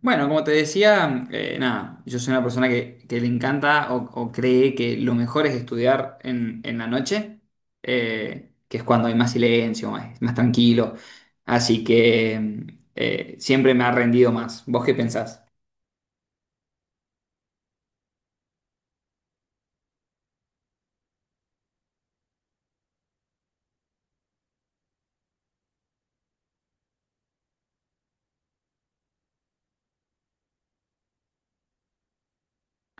Bueno, como te decía, nada, yo soy una persona que le encanta o cree que lo mejor es estudiar en la noche, que es cuando hay más silencio, más tranquilo. Así que siempre me ha rendido más. ¿Vos qué pensás?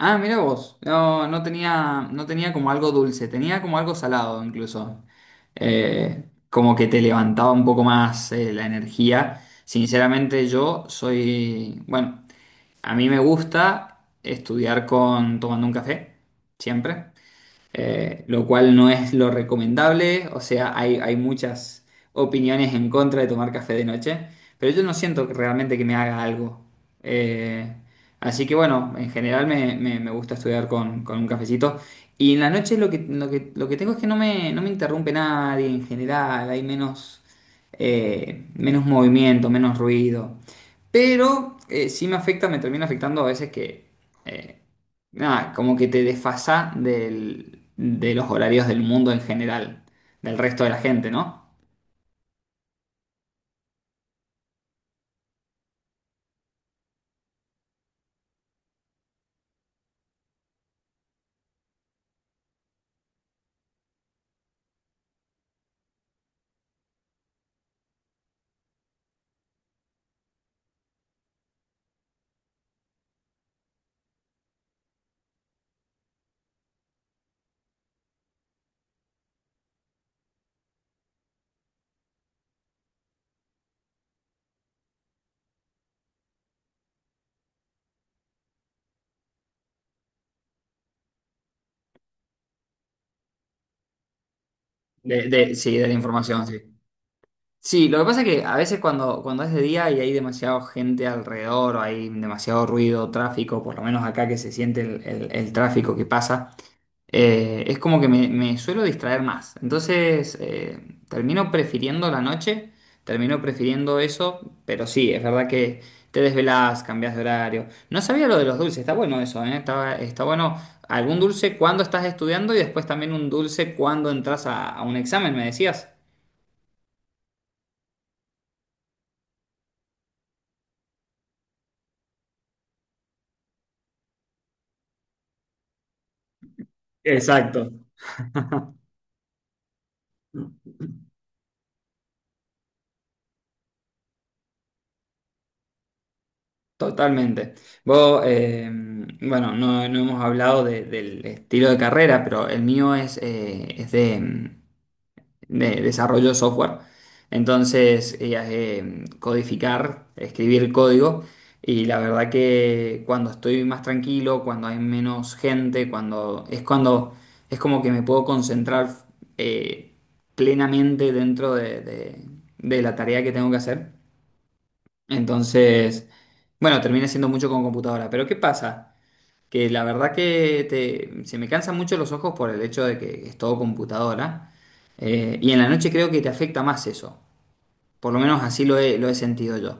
Ah, mira vos. No, no tenía como algo dulce, tenía como algo salado incluso. Como que te levantaba un poco más la energía. Sinceramente, yo soy, bueno, a mí me gusta estudiar con tomando un café, siempre lo cual no es lo recomendable, o sea, hay muchas opiniones en contra de tomar café de noche, pero yo no siento que realmente que me haga algo. Eh, Así que bueno, en general me gusta estudiar con un cafecito. Y en la noche lo que tengo es que no me interrumpe nadie en general, hay menos movimiento, menos ruido. Pero sí me afecta, me termina afectando a veces que eh, nada, como que te desfasa de los horarios del mundo en general, del resto de la gente, ¿no? Sí, de la información, sí. Sí, lo que pasa es que a veces cuando es de día y hay demasiada gente alrededor, o hay demasiado ruido, tráfico, por lo menos acá que se siente el tráfico que pasa, es como que me suelo distraer más. Entonces, termino prefiriendo la noche, termino prefiriendo eso, pero sí, es verdad que te desvelás, cambias de horario. No sabía lo de los dulces, está bueno eso, ¿eh? Está bueno algún dulce cuando estás estudiando y después también un dulce cuando entras a un examen, me decías. Exacto. Totalmente. Vos, bueno, no, no hemos hablado del estilo de carrera, pero el mío es de desarrollo de software. Entonces, codificar, escribir código. Y la verdad que cuando estoy más tranquilo, cuando hay menos gente, cuando es como que me puedo concentrar eh, plenamente dentro de la tarea que tengo que hacer. Entonces, bueno, termina siendo mucho con computadora. Pero ¿qué pasa? Que la verdad que se me cansan mucho los ojos por el hecho de que es todo computadora. Y en la noche creo que te afecta más eso. Por lo menos así lo he sentido yo.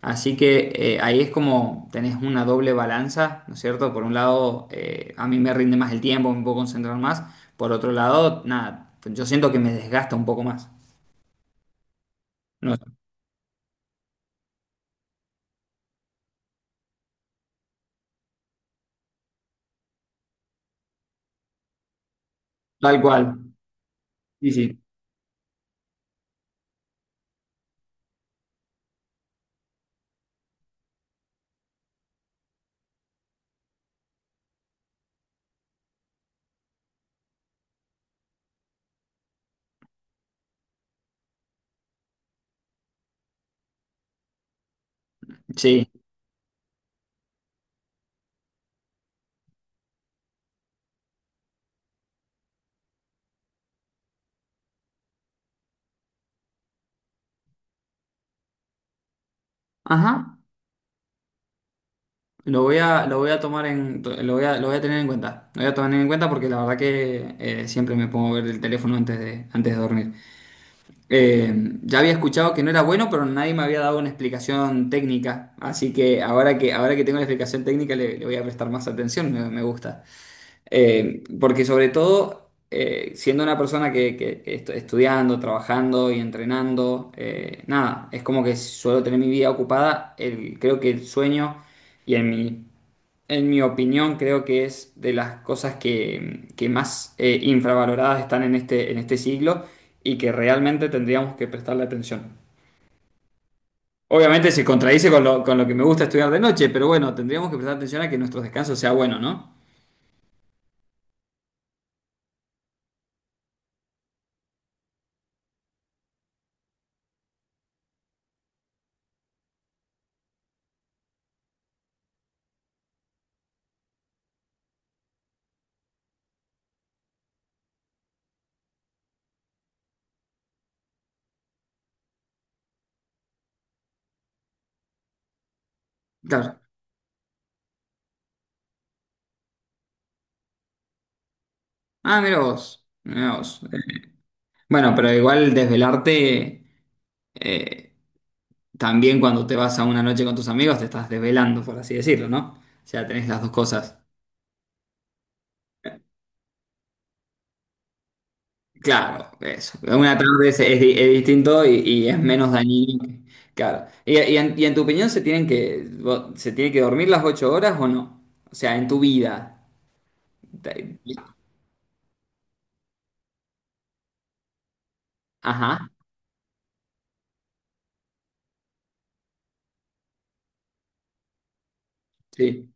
Así que ahí es como tenés una doble balanza, ¿no es cierto? Por un lado, a mí me rinde más el tiempo, me puedo concentrar más. Por otro lado, nada, yo siento que me desgasta un poco más. No, tal cual. Sí, sí. Sí. Ajá. Lo voy a tener en cuenta. Lo voy a tomar en cuenta porque la verdad que siempre me pongo a ver el teléfono antes de dormir. Eh, ya había escuchado que no era bueno, pero nadie me había dado una explicación técnica. Así que ahora que, ahora que tengo la explicación técnica le voy a prestar más atención, me gusta. Porque sobre todo, siendo una persona que estoy estudiando, trabajando y entrenando, nada, es como que suelo tener mi vida ocupada. Creo que el sueño y en mi opinión, creo que es de las cosas que más infravaloradas están en este siglo y que realmente tendríamos que prestarle atención. Obviamente se contradice con lo que me gusta estudiar de noche, pero bueno, tendríamos que prestar atención a que nuestro descanso sea bueno, ¿no? Claro. Ah, mira vos, mira vos. Bueno, pero igual desvelarte, eh, también cuando te vas a una noche con tus amigos, te estás desvelando, por así decirlo, ¿no? O sea, tenés las dos cosas. Claro, eso. Una tarde es distinto y es menos dañino. Claro. Y en tu opinión, se tiene que dormir las ocho horas o no? O sea, en tu vida. Te- Ajá, sí,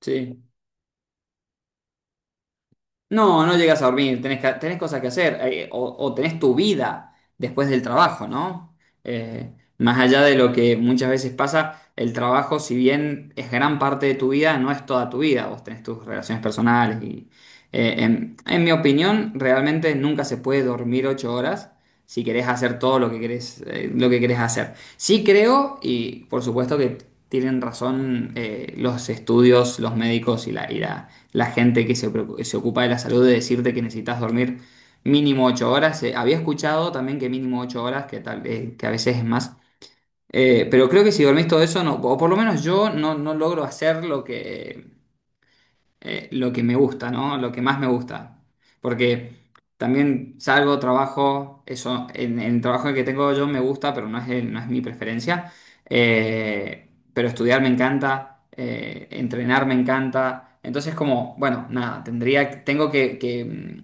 sí. No, no llegas a dormir, tenés cosas que hacer, o tenés tu vida después del trabajo, ¿no? Eh, Más allá de lo que muchas veces pasa, el trabajo, si bien es gran parte de tu vida, no es toda tu vida, vos tenés tus relaciones personales y, en mi opinión, realmente nunca se puede dormir ocho horas si querés hacer todo lo que querés hacer. Sí creo, y por supuesto que tienen razón los estudios, los médicos y la gente que se ocupa de la salud de decirte que necesitas dormir mínimo 8 horas. Había escuchado también que mínimo 8 horas, que, tal, que a veces es más. Pero creo que si dormís todo eso, no, o por lo menos yo no, no logro hacer lo que me gusta, ¿no? Lo que más me gusta. Porque también salgo, trabajo, eso, en el trabajo que tengo yo me gusta, pero no es mi preferencia. Pero estudiar me encanta, entrenar me encanta. Entonces, como, bueno, nada, tendría, tengo que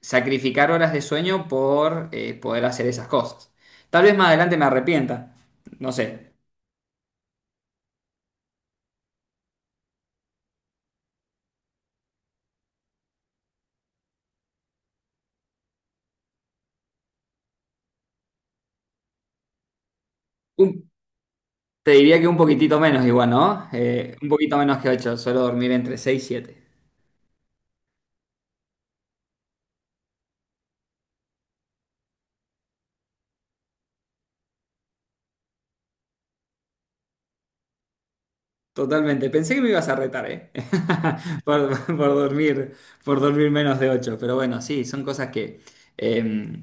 sacrificar horas de sueño por poder hacer esas cosas. Tal vez más adelante me arrepienta, no sé. Te diría que un poquitito menos igual, ¿no? Un poquito menos que 8. Suelo dormir entre seis y siete. Totalmente. Pensé que me ibas a retar, ¿eh? Por, por dormir, por dormir menos de 8. Pero bueno, sí, son cosas eh,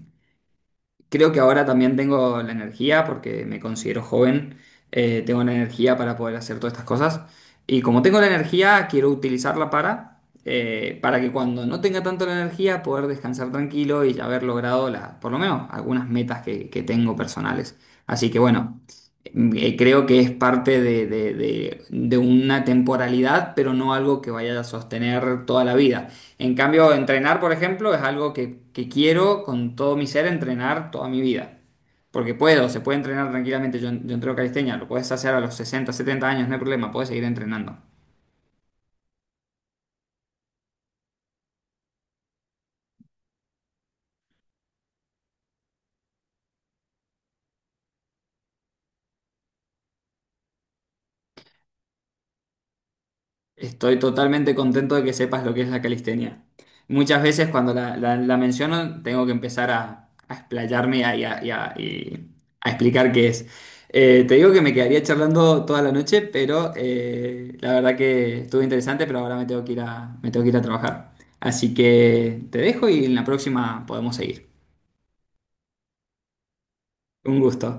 Creo que ahora también tengo la energía, porque me considero joven, tengo la energía para poder hacer todas estas cosas. Y como tengo la energía, quiero utilizarla para que cuando no tenga tanto la energía, poder descansar tranquilo y ya haber logrado por lo menos algunas metas que tengo personales. Así que bueno, creo que es parte de una temporalidad, pero no algo que vaya a sostener toda la vida. En cambio, entrenar, por ejemplo, es algo que quiero con todo mi ser entrenar toda mi vida. Porque puedo, se puede entrenar tranquilamente. Yo entreno calistenia, lo puedes hacer a los 60, 70 años, no hay problema, puedes seguir entrenando. Estoy totalmente contento de que sepas lo que es la calistenia. Muchas veces cuando la menciono tengo que empezar a explayarme y a explicar qué es. Te digo que me quedaría charlando toda la noche, pero la verdad que estuvo interesante, pero ahora me tengo que ir a trabajar. Así que te dejo y en la próxima podemos seguir. Un gusto.